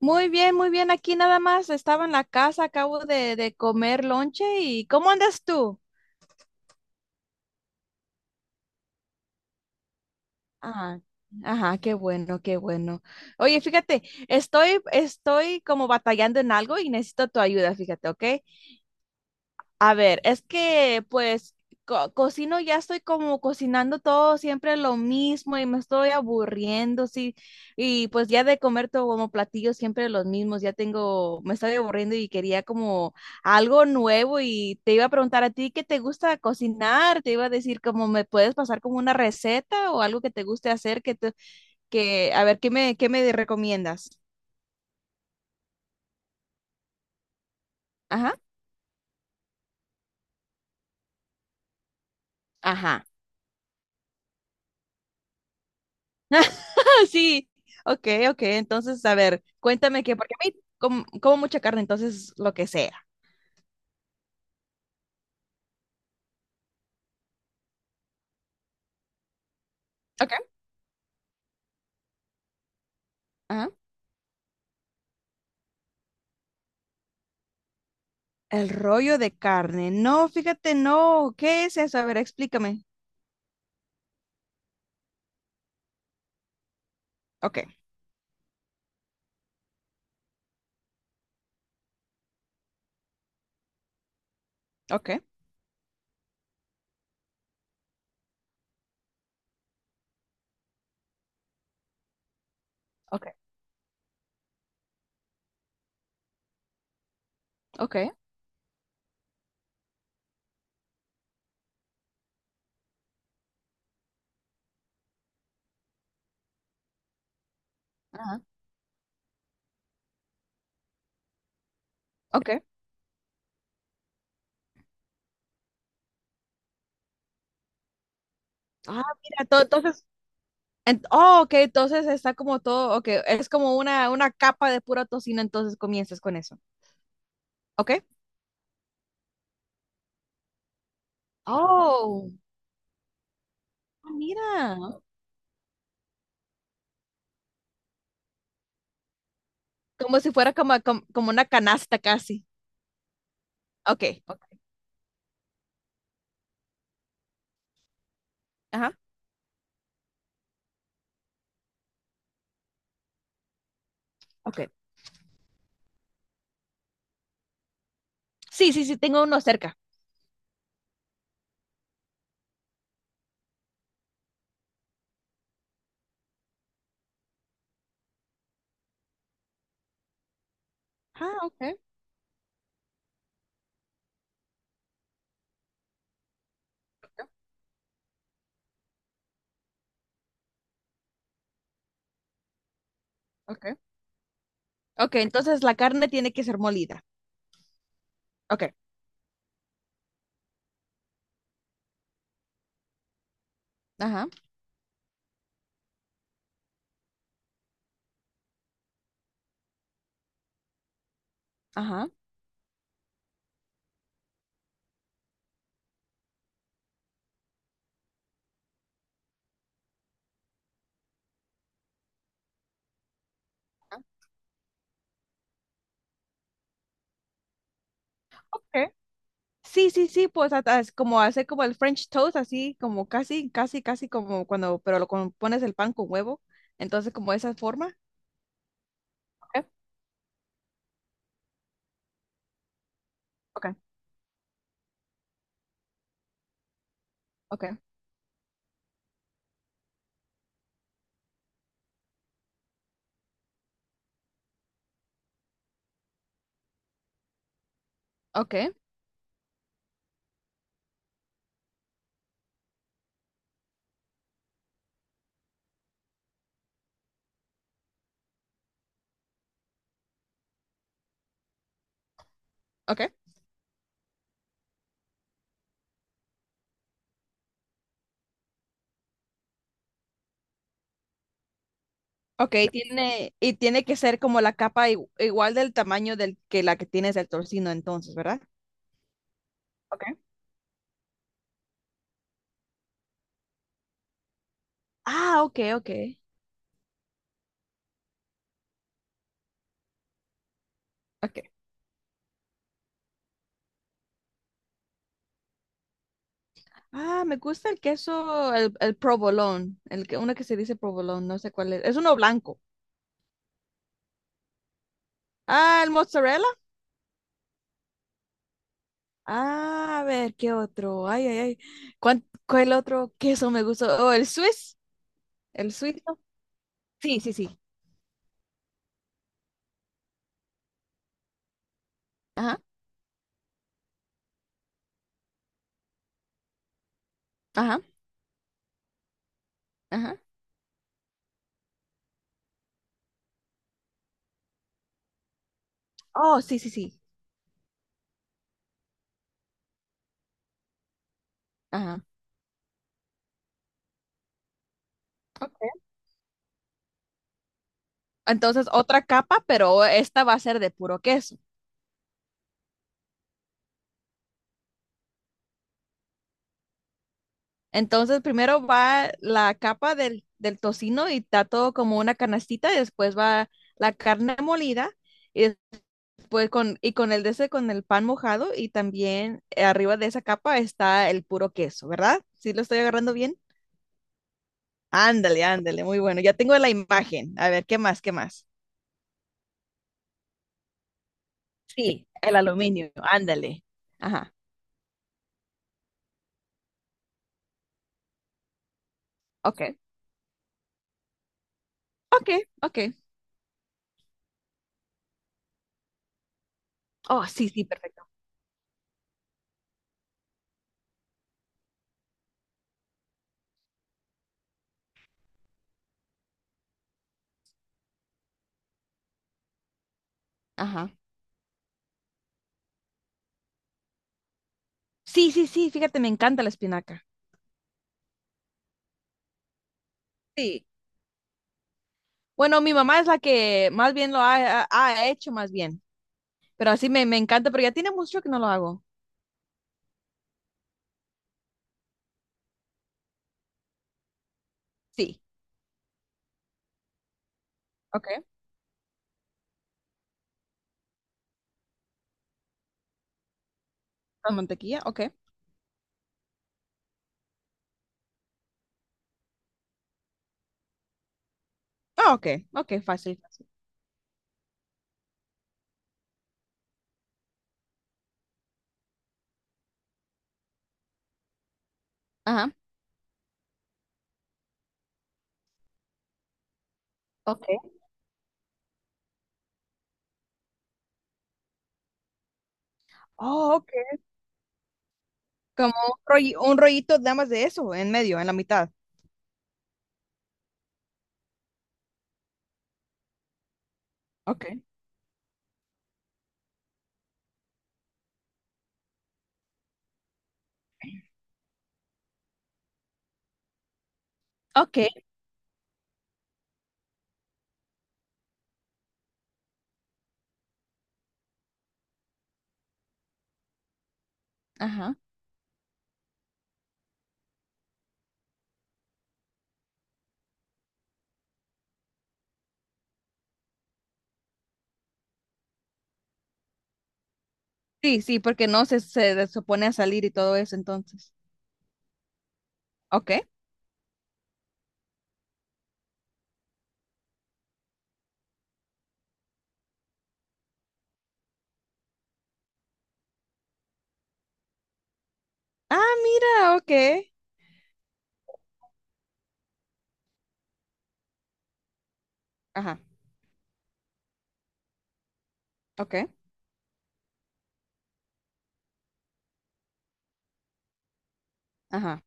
Muy bien, muy bien. Aquí nada más estaba en la casa, acabo de comer lonche. Y ¿cómo andas tú? Ah, ajá, qué bueno, qué bueno. Oye, fíjate, estoy como batallando en algo y necesito tu ayuda, fíjate, ¿ok? A ver, es que pues cocino, ya estoy como cocinando todo siempre lo mismo y me estoy aburriendo, sí. Y pues ya de comer todo como platillos siempre los mismos, ya tengo, me estoy aburriendo y quería como algo nuevo, y te iba a preguntar a ti qué te gusta cocinar, te iba a decir como me puedes pasar como una receta o algo que te guste hacer que a ver, qué me recomiendas? Ajá, ajá. Sí, ok, ok. Entonces, a ver, cuéntame, que porque a mí como, como mucha carne, entonces lo que sea. Ok. Ajá. El rollo de carne. No, fíjate, no. ¿Qué es eso? A ver, explícame. Ok, ok, ok, ok, ajá, ok. Ah, mira, todo, entonces, oh, ok, entonces está como todo, ok, es como una capa de pura tocino, entonces comienzas con eso. Ok. Oh, ah, mira, como si fuera como, como, como una canasta casi. Ok, ok, ajá. Ok. Sí, sí, sí, tengo uno cerca. Ah, ok, ok. Ok, entonces la carne tiene que ser molida. Ok, ajá, ajá. Ok. Sí, sí, sí, pues hasta es como hacer como el French toast, así como casi, casi, casi como cuando, pero lo pones el pan con huevo. Entonces, como esa forma. Ok, ok, ok, ok, ok. Ok, tiene, y tiene que ser como la capa igual del tamaño del que la que tienes del torcino entonces, ¿verdad? Ok. Ah, ok, ok. Ok. Ah, me gusta el queso, el provolone, el que, uno que se dice provolone, no sé cuál es. Es uno blanco. Ah, el mozzarella. Ah, a ver, ¿qué otro? Ay, ay, ay. ¿Cuál, cuál otro queso me gustó? Oh, el Swiss, el suizo. Sí, sí, sí. Ajá, ajá, ajá. Oh, sí, sí, sí. Ajá. Ok. Entonces, otra capa, pero esta va a ser de puro queso. Entonces, primero va la capa del tocino y está todo como una canastita, y después va la carne molida. Y pues con, y con el de ese, con el pan mojado y también arriba de esa capa está el puro queso, ¿verdad? ¿Sí lo estoy agarrando bien? Ándale, ándale, muy bueno. Ya tengo la imagen. A ver, ¿qué más? ¿Qué más? Sí, el aluminio, ándale. Ajá. Ok, ok, ok. Oh, sí, sí, perfecto. Ajá. Sí, sí, sí, fíjate, me encanta la espinaca. Sí. Bueno, mi mamá es la que más bien lo ha, ha hecho, más bien. Pero así me, me encanta, pero ya tiene mucho que no lo hago. Sí. Ok. La mantequilla, ok. Ah, ok, ok, fácil, fácil. Ajá, ok. Oh, ok. Como un un rollito nada más de eso, en medio, en la mitad. Ok. Ok, ajá. Sí, sí, porque no se, supone a salir y todo eso, entonces. Ok. Ah, mira, ok. Ajá, ok. Ajá,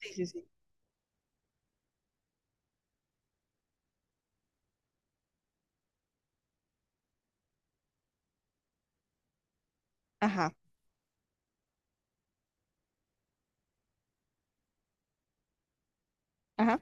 sí, sí, sí. Ajá, ajá.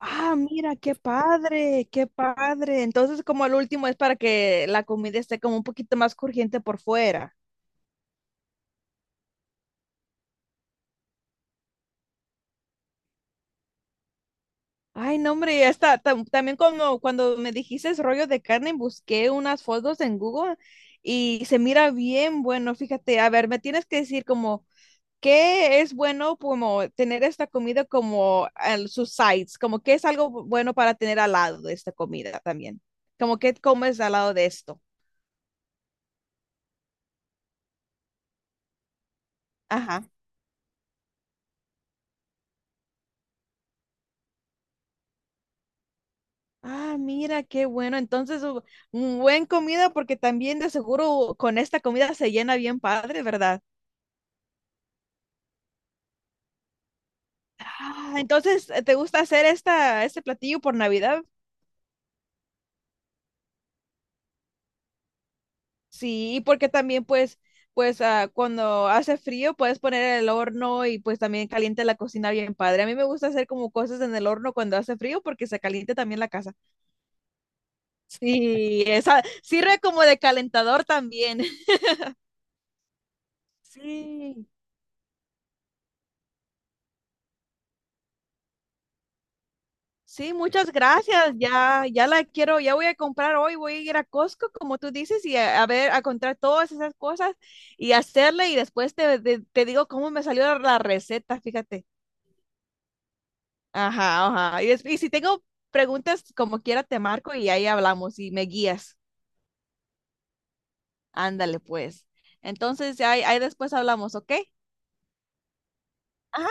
Ah, mira, qué padre, qué padre. Entonces, como el último es para que la comida esté como un poquito más crujiente por fuera. Ay, no, hombre, hasta también como cuando me dijiste ese rollo de carne, busqué unas fotos en Google y se mira bien bueno. Fíjate, a ver, me tienes que decir como qué es bueno, como tener esta comida como al sus sides, como qué es algo bueno para tener al lado de esta comida también. Como qué comes al lado de esto. Ajá. Ah, mira, qué bueno. Entonces, un buen comida porque también de seguro con esta comida se llena bien padre, ¿verdad? Ah, entonces, ¿te gusta hacer esta, este platillo por Navidad? Sí, porque también pues, pues ah, cuando hace frío puedes poner el horno y pues también calienta la cocina bien padre. A mí me gusta hacer como cosas en el horno cuando hace frío porque se caliente también la casa. Sí, esa sirve como de calentador también. Sí. Sí, muchas gracias. Ya, ya la quiero, ya voy a comprar hoy, voy a ir a Costco, como tú dices, y a ver, a comprar todas esas cosas y hacerle y después te, te digo cómo me salió la la receta, fíjate. Ajá, ajá. Y, y si tengo preguntas, como quiera, te marco y ahí hablamos y me guías. Ándale, pues. Entonces, ahí, ahí después hablamos, ¿ok? Ajá.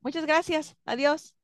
Muchas gracias. Adiós.